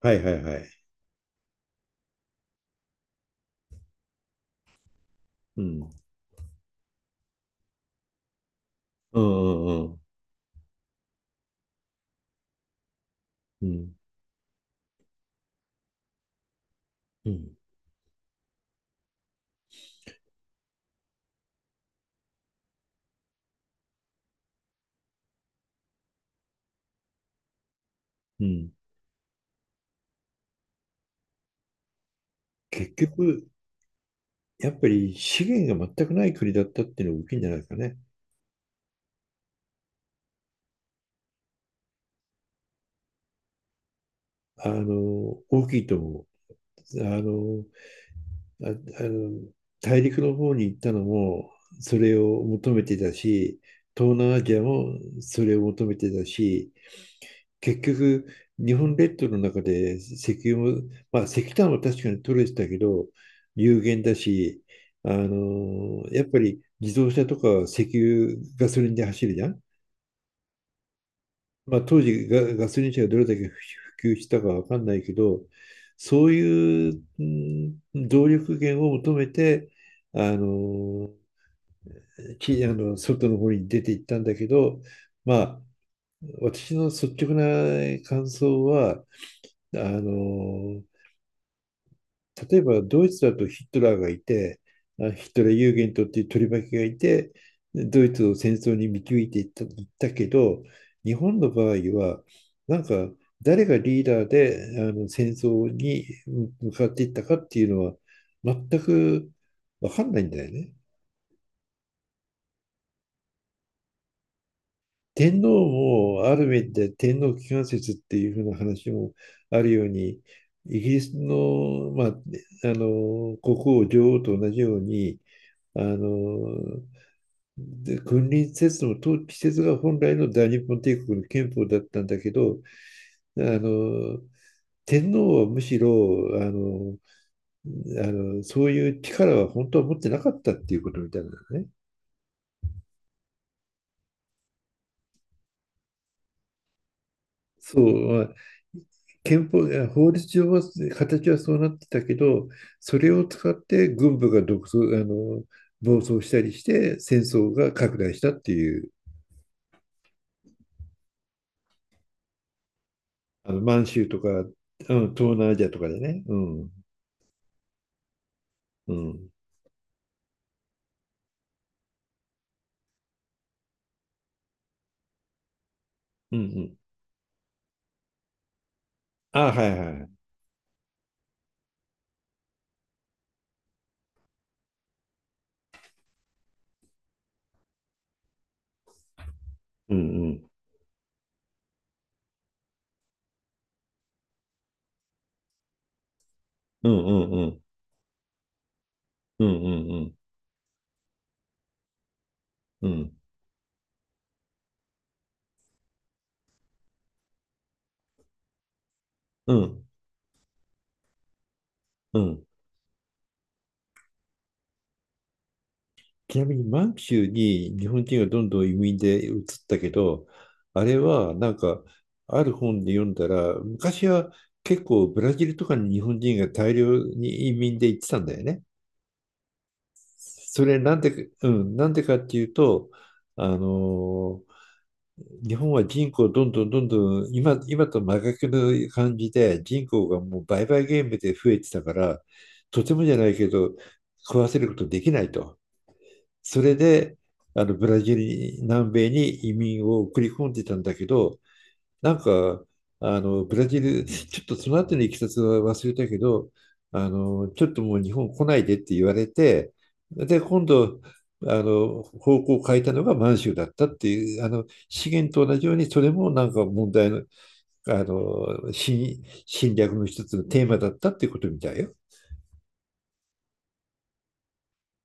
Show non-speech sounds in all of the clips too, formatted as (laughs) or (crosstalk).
はいはいはい。うん。うんうんうん。うん。うん。結局、やっぱり資源が全くない国だったっていうのが大きいんじゃないですかね。あの、大きいと思う。あ、あの、大陸の方に行ったのも、それを求めてたし、東南アジアもそれを求めてたし、結局、日本列島の中で石油も、まあ、石炭は確かに取れてたけど、有限だし、やっぱり自動車とか石油、ガソリンで走るじゃん。まあ、当時ガソリン車がどれだけ普及したかわかんないけど、そういう、うん、動力源を求めて、あのーきあの外の方に出ていったんだけど、まあ、私の率直な感想は、あのー例えばドイツだとヒトラーがいて、ヒトラー・ユーゲントっていう取り巻きがいて、ドイツを戦争に導いていった、いったけど、日本の場合は、なんか誰がリーダーであの戦争に向かっていったかっていうのは全く分かんないんだよね。天皇もある面で天皇機関説っていうふうな話もあるようにイギリスの、まあ、国王女王と同じようにあの、で君臨説の統治説が本来の大日本帝国の憲法だったんだけど、あの、天皇はむしろ、あそういう力は本当は持ってなかったっていうことみたいなね。そう、まあ憲法、法律上は形はそうなってたけど、それを使って軍部が独走、暴走したりして戦争が拡大したっていう、あの満州とか、うん、東南アジアとかでね。うん、うんうんうん。あ、はいはいはい。うんうん。うんうんうんうんうんうんうんうん。ちなみに満州に日本人がどんどん移民で移ったけど、あれはなんかある本で読んだら、昔は結構ブラジルとかに日本人が大量に移民で行ってたんだよね。それなんでか、うん、なんでかっていうと、あの日本は人口どんどんどんどん今と真逆の感じで人口がもう売買ゲームで増えてたからとてもじゃないけど食わせることできないと。それでブラジルに南米に移民を送り込んでたんだけどなんか、ブラジル、(laughs) ちょっとその後のいきさつは忘れたけど、ちょっともう日本来ないでって言われて、で、今度、方向を変えたのが満州だったっていう、資源と同じように、それもなんか問題の、侵略の一つのテーマだったっていうことみたいよ。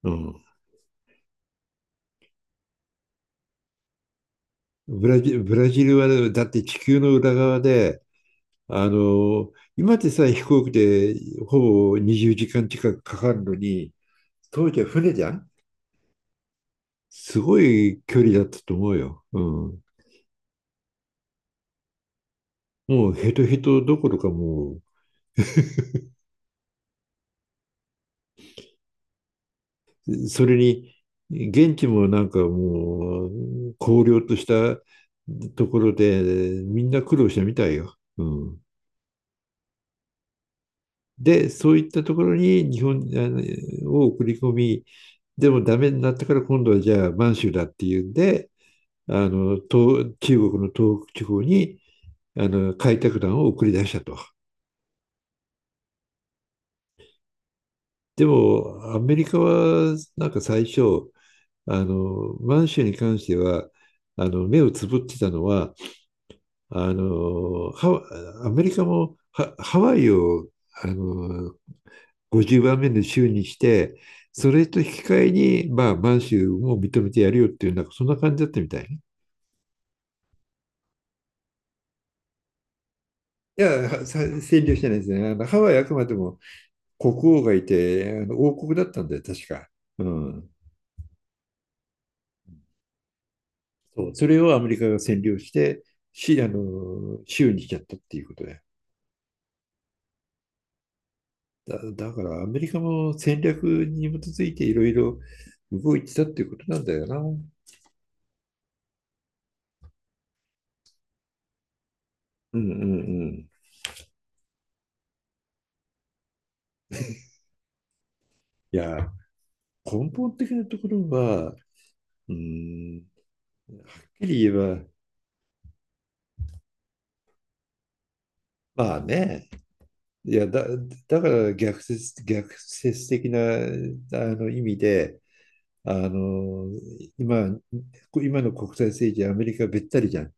うん。ブラジルは、だって地球の裏側で、あの、今でさえ飛行機でほぼ20時間近くかかるのに、当時は船じゃん。すごい距離だったと思うよ。うん。もうヘトヘトどころかもう、それに、現地もなんかもう、荒涼としたところで、みんな苦労したみたいよ。うん。で、そういったところに日本を送り込み、でもダメになったから今度はじゃあ満州だっていうんで、東中国の東北地方に、開拓団を送り出したと。でも、アメリカは、なんか最初、満州に関しては、目をつぶってたのは、あの、ハアメリカもハワイを、あの、50番目の州にして、それと引き換えに、まあ、満州も認めてやるよっていう、なんかそんな感じだったみたいね。いや、占領してないですね。あのハワイはあくまでも国王がいて、王国だったんだよ、確か。うん。そう。それをアメリカが占領して、し、あの、州にしちゃったっていうことで。だからアメリカも戦略に基づいていろいろ動いてたっていうことなんだよな。うんうんうん。いや、根本的なところは、うーん、はっきり言えば、まあね、いやだ、だから逆説的な意味で、あの、今、今の国際政治、アメリカべったりじゃん。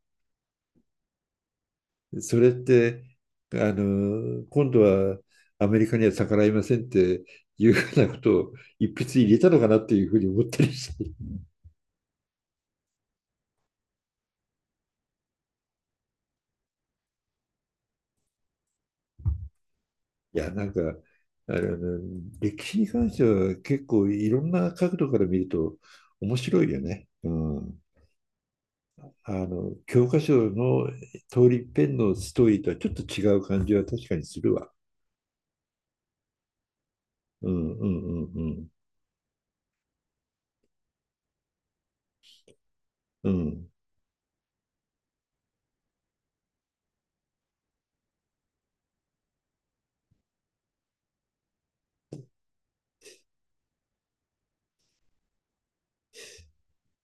それって、今度はアメリカには逆らいませんっていうふうなことを一筆入れたのかなっていうふうに思ったりして。いや、なんか、あの、歴史に関しては結構いろんな角度から見ると面白いよね。うん。教科書の通り一遍のストーリーとはちょっと違う感じは確かにするわ。うんうんうんうん。うん。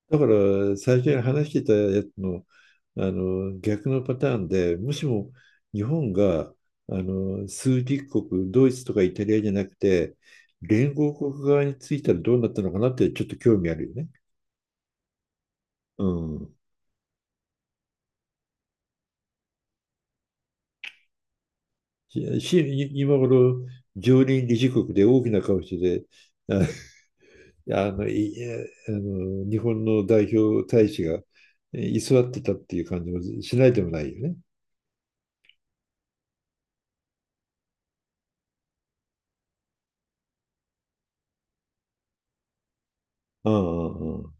だから最初に話してたやつの、あの逆のパターンで、もしも日本があの枢軸国、ドイツとかイタリアじゃなくて、連合国側についたらどうなったのかなってちょっと興味あるよね。うん。し今頃、常任理事国で大きな顔してて、ああのいあの日本の代表大使が居座ってたっていう感じもしないでもないよね。うんうんうん。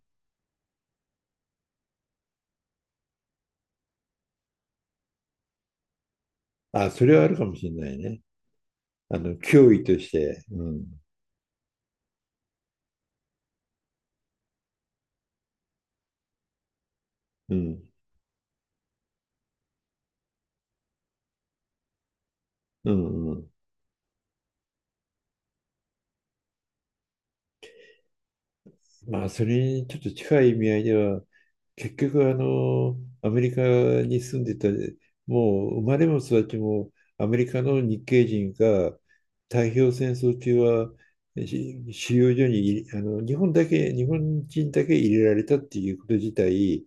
あ、それはあるかもしれないね。脅威として、うん、うん、うん、うん。まあ、それにちょっと近い意味合いでは、結局、アメリカに住んでた、もう生まれも育ちもアメリカの日系人が太平洋戦争中は収容所にいあの日本だけ、日本人だけ入れられたっていうこと自体、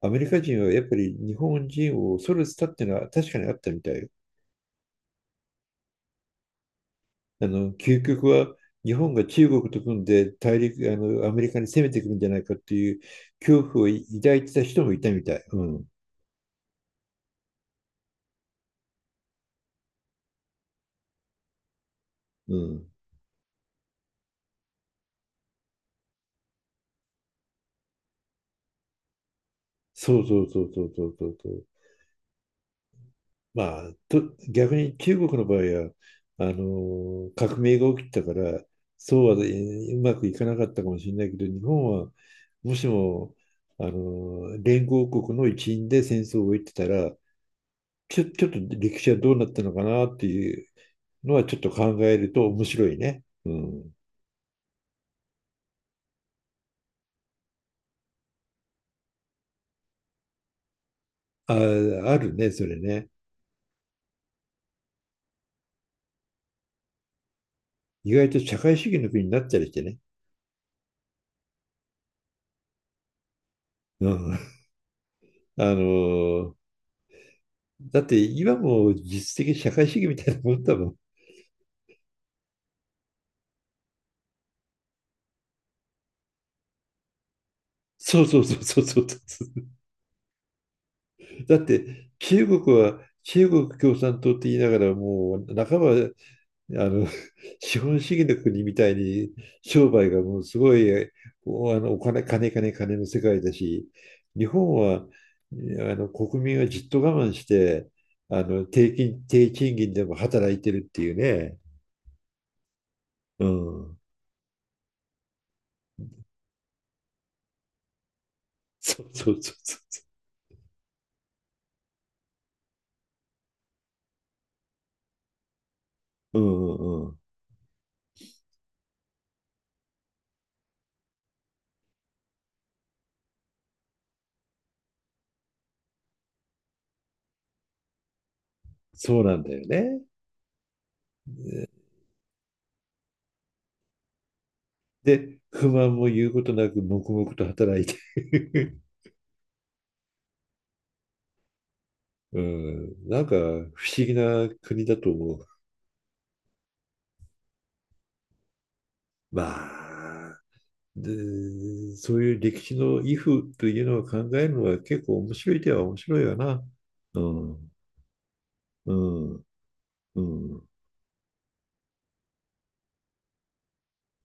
アメリカ人はやっぱり日本人を恐れてたっていうのは確かにあったみたいよ。究極は日本が中国と組んで大陸、アメリカに攻めてくるんじゃないかっていう恐怖を抱いてた人もいたみたい。うん、うん、そうそうそうそうそうそうそう。まあ、逆に中国の場合はあの革命が起きたからそうは、うまくいかなかったかもしれないけど日本はもしもあの連合国の一員で戦争を終えてたらちょっと歴史はどうなったのかなっていうのはちょっと考えると面白いね。うん。あ、あるね、それね。意外と社会主義の国になったりしてね。うん。のーだって今も実質的社会主義みたいなもんだもん。そうそうそうそうそう。だって中国は中国共産党って言いながらもう半ばあの、(laughs) 資本主義の国みたいに商売がもうすごい、お、あの、お金、金、金、金の世界だし、日本は、国民はじっと我慢して、低賃金でも働いてるっていうね。うん。(laughs) そうそうそうそう。うんうんうん。そうなんだよね。で、不満も言うことなく黙々と働いて。 (laughs) うん。なんか不思議な国だと思う。まあ。で、そういう歴史の癒風というのを考えるのは結構面白い、手は面白いわな。うん、うん、うん。